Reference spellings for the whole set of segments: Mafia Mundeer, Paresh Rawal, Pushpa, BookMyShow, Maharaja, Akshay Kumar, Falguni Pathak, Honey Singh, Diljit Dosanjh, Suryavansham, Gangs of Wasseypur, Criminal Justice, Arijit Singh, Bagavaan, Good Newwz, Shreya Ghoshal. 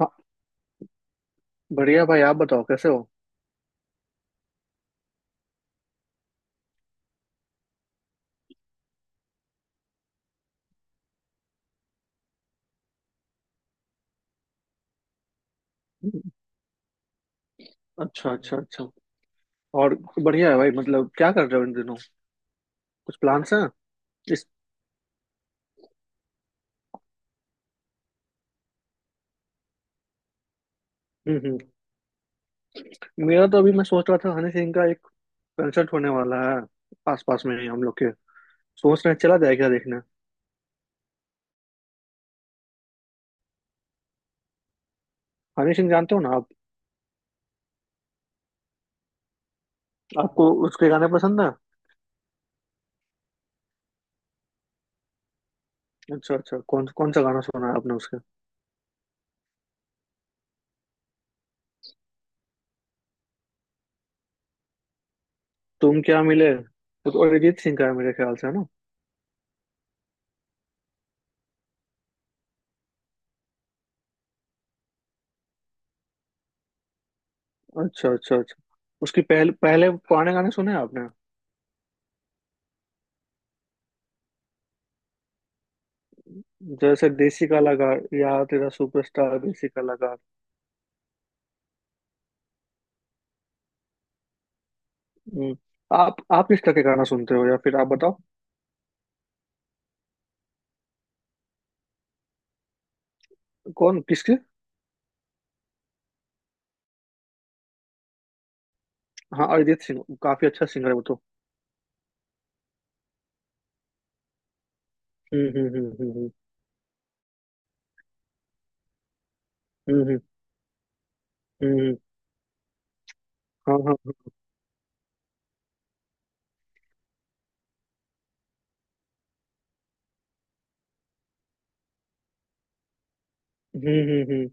हाँ बढ़िया भाई आप बताओ कैसे हो। अच्छा अच्छा अच्छा। और बढ़िया है भाई, मतलब क्या कर रहे हो इन दिनों? कुछ प्लान्स हैं? इस हम्म हम्म मेरा तो अभी मैं सोच रहा था हनी सिंह का एक कंसर्ट होने वाला है, आस पास में ही हम लोग के। सोच रहे हैं चला जाए क्या देखने। हनी सिंह जानते हो ना आप? आपको उसके गाने पसंद है? अच्छा अच्छा, कौन कौन सा गाना सुना है आपने उसके? तुम क्या मिले वो तो अरिजीत सिंह का है मेरे ख्याल से, है ना? अच्छा अच्छा अच्छा। उसकी पहले पहले पुराने गाने सुने हैं आपने? जैसे देसी कलाकार या तेरा सुपरस्टार, देसी कलाकार। हम्म, आप किस तरह के गाना सुनते हो या फिर आप बताओ? कौन किसके? हाँ, अरिजीत सिंह काफी अच्छा सिंगर है वो तो। हम्म हम्म हम्म हम्म हम्म हम्म। हाँ हाँ। हम्म।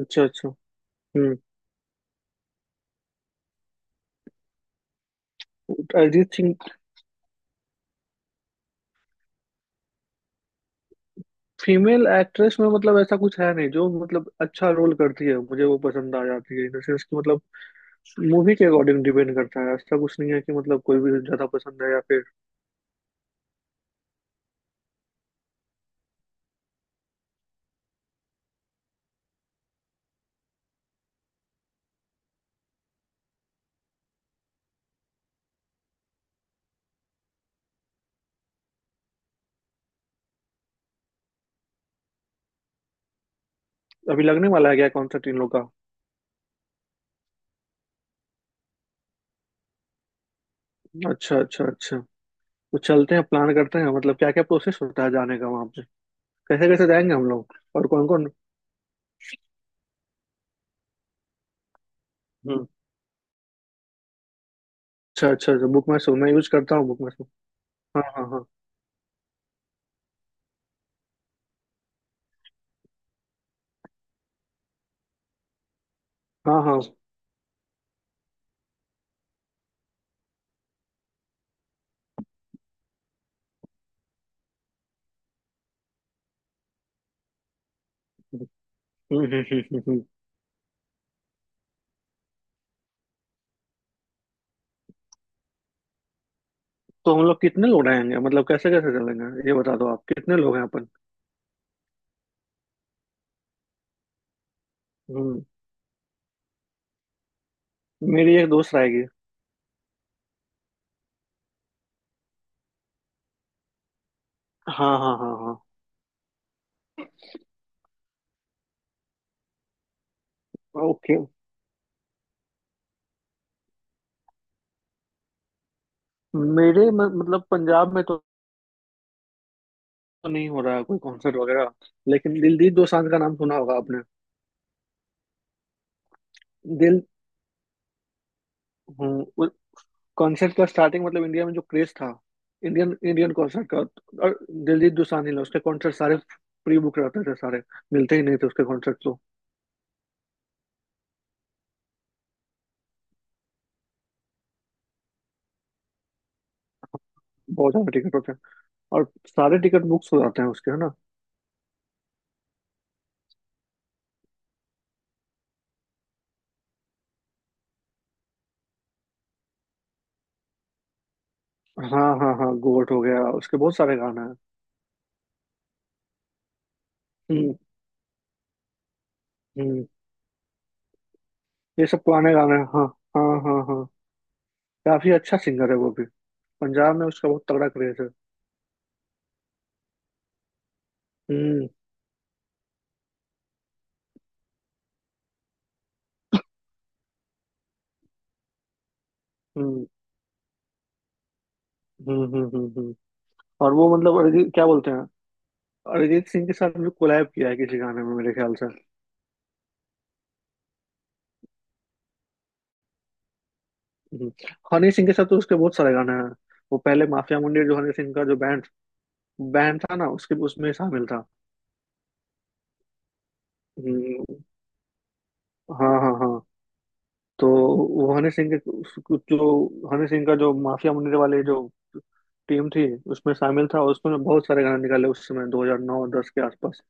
अच्छा अच्छा। हम्म अरिजीत सिंह। फीमेल एक्ट्रेस में मतलब ऐसा कुछ है नहीं जो मतलब अच्छा रोल करती है मुझे वो पसंद आ जाती है, इन द सेंस कि मतलब मूवी के अकॉर्डिंग डिपेंड करता है। ऐसा कुछ नहीं है कि मतलब कोई भी ज्यादा पसंद है या फिर। अभी लगने वाला है क्या कॉन्सर्ट इन लोग का? अच्छा अच्छा अच्छा। तो चलते हैं प्लान करते हैं, मतलब क्या क्या प्रोसेस होता है जाने का वहां पे? कैसे कैसे जाएंगे हम लोग और कौन कौन? हम्म। अच्छा अच्छा अच्छा, बुक माई शो मैं यूज करता हूँ, बुक माई शो। हाँ हाँ हाँ। हाँ। हाँ हम्म हम्म हम्म हम्म, हम्म। तो हम लोग कितने लोग रहेंगे, मतलब कैसे कैसे चलेंगे ये बता दो? आप कितने लोग हैं अपन? हम्म। मेरी एक दोस्त रहेगी। हाँ हाँ हाँ हाँ। ओके। मतलब पंजाब में तो नहीं हो रहा है कोई कॉन्सर्ट वगैरह। लेकिन दिलजीत दोसांझ का नाम सुना होगा आपने। दिल हम्म कॉन्सर्ट का स्टार्टिंग मतलब इंडिया में जो क्रेज था, इंडियन इंडियन कॉन्सर्ट का, और दिलजीत दोसांझ ने उसके कॉन्सर्ट सारे प्री बुक रहते थे सारे, मिलते ही नहीं थे उसके कॉन्सर्ट तो। बहुत ज्यादा टिकट होते हैं, और सारे टिकट बुक्स हो जाते हैं उसके, है ना? हाँ हाँ हाँ, गोट हो गया, उसके बहुत सारे गाने हैं। हम्म हम्म। ये सब पुराने गाने हैं हाँ। हाँ हाँ हाँ। काफी अच्छा सिंगर है वो भी। पंजाब में उसका बहुत तगड़ा क्रेज है। हम्म हम्म हम्म हम्म हम्म हम्म। और वो मतलब अरिजीत, क्या बोलते हैं, अरिजीत सिंह के साथ भी कोलैब किया है किसी गाने में मेरे ख्याल से। हम्म, हनी सिंह के साथ तो उसके बहुत सारे गाने हैं। वो पहले माफिया मुंडी जो हनी सिंह का जो बैंड बैंड था ना, उसके उसमें शामिल था। हम्म। हाँ हाँ हाँ। तो वो हनी सिंह के कुछ जो, हनी सिंह का जो माफिया मुंडी वाले जो टीम थी, उसमें शामिल था और उसमें बहुत सारे गाने निकाले उस समय 2009-10 के आसपास।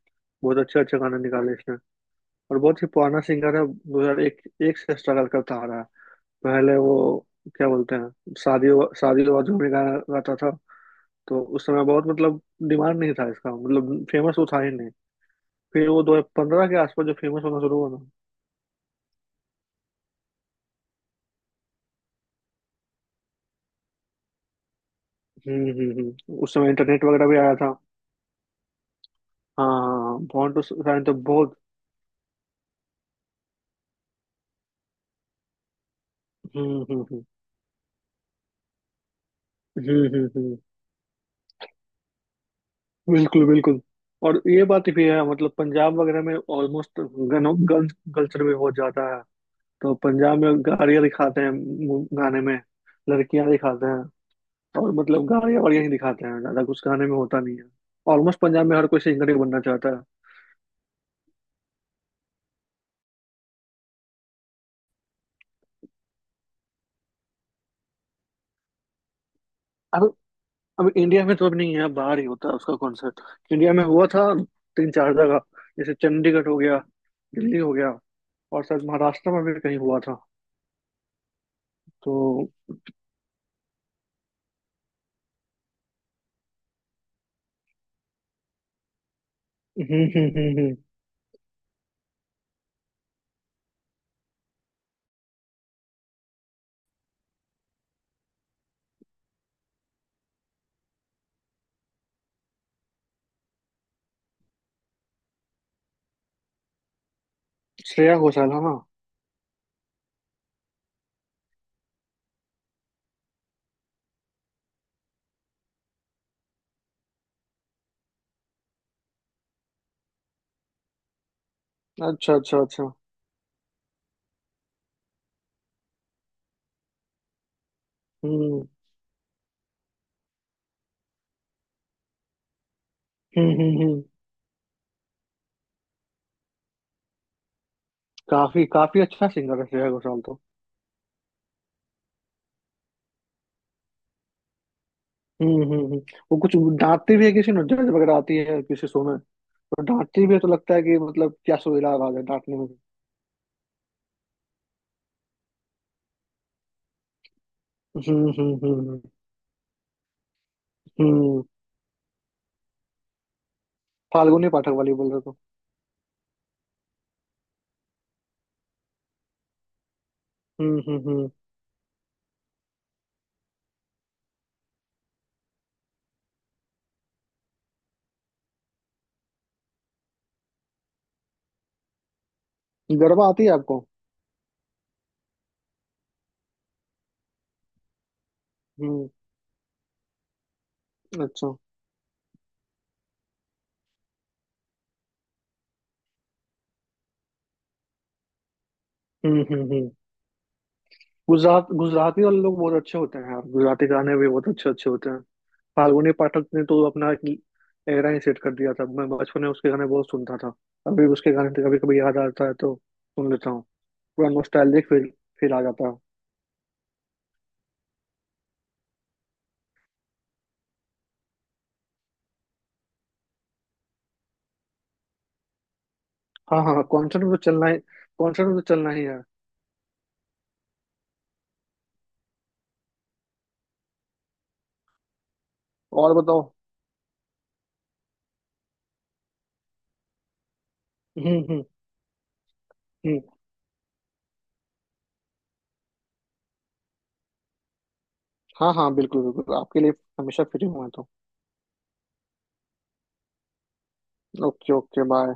बहुत अच्छे अच्छे गाने निकाले इसने। और बहुत ही पुराना सिंगर है, 2001 एक एक से स्ट्रगल करता आ रहा है। पहले वो, क्या बोलते हैं, शादियों शादियों वादियों में गाना गाता था। तो उस समय बहुत मतलब डिमांड नहीं था इसका, मतलब फेमस वो था ही नहीं। फिर वो 2015 के आसपास जो फेमस होना शुरू हुआ ना। उस समय इंटरनेट वगैरह भी आया था। हाँ, बॉन्ड टू साइन तो बहुत। हम्म हम्म हम्म हम्म हम्म, हम्म, बिल्कुल बिल्कुल। और ये बात भी है, मतलब पंजाब वगैरह में ऑलमोस्ट गन गन कल्चर भी बहुत ज्यादा है। तो पंजाब में गाड़ियाँ दिखाते हैं, गाने में लड़कियां दिखाते हैं, और मतलब गाने बढ़िया ही दिखाते हैं, ज्यादा कुछ गाने में होता नहीं है। ऑलमोस्ट पंजाब में हर कोई सिंगर ही बनना चाहता है। अब अब इंडिया में तो अब नहीं है, अब बाहर ही होता है उसका कॉन्सर्ट। इंडिया में हुआ था तीन चार जगह। जैसे चंडीगढ़ हो गया, दिल्ली हो गया, और शायद महाराष्ट्र में भी कहीं हुआ था तो। हम्म हम्म हम्म हम्म। श्रेया घोषाल है ना। अच्छा अच्छा अच्छा। हम्म हम्म हम्म हम्म। काफी काफी अच्छा सिंगर है श्रेया घोषाल तो। हम्म हम्म हम्म। वो कुछ गाती भी है किसी नुक्कड़ वगैरह, आती है किसी शो में, और डांटती भी है तो लगता है कि मतलब क्या सुरीला आवाज है डांटने में भी। हम्म हम्म हम्म हम्म। फाल्गुनी पाठक वाली बोल रहे हो? हम्म। गरबा आती है आपको? हम्म। अच्छा। हम्म। गुजराती वाले लोग बहुत अच्छे होते हैं यार, गुजराती गाने भी बहुत अच्छे अच्छे होते हैं। फाल्गुनी पाठक ने तो अपना एक एरा ही सेट कर दिया था। मैं बचपन में उसके गाने बहुत सुनता था। अभी उसके गाने तो कभी कभी याद आता है तो सुन लेता हूँ। पूरा नॉस्टैल्जिक फील फील आ जाता है। हाँ हाँ, कॉन्सर्ट में तो चलना ही है। और बताओ। हम्म हम्म हम्म। हाँ हाँ, बिल्कुल बिल्कुल आपके लिए हमेशा फ्री हुआ तो। Okay okay bye.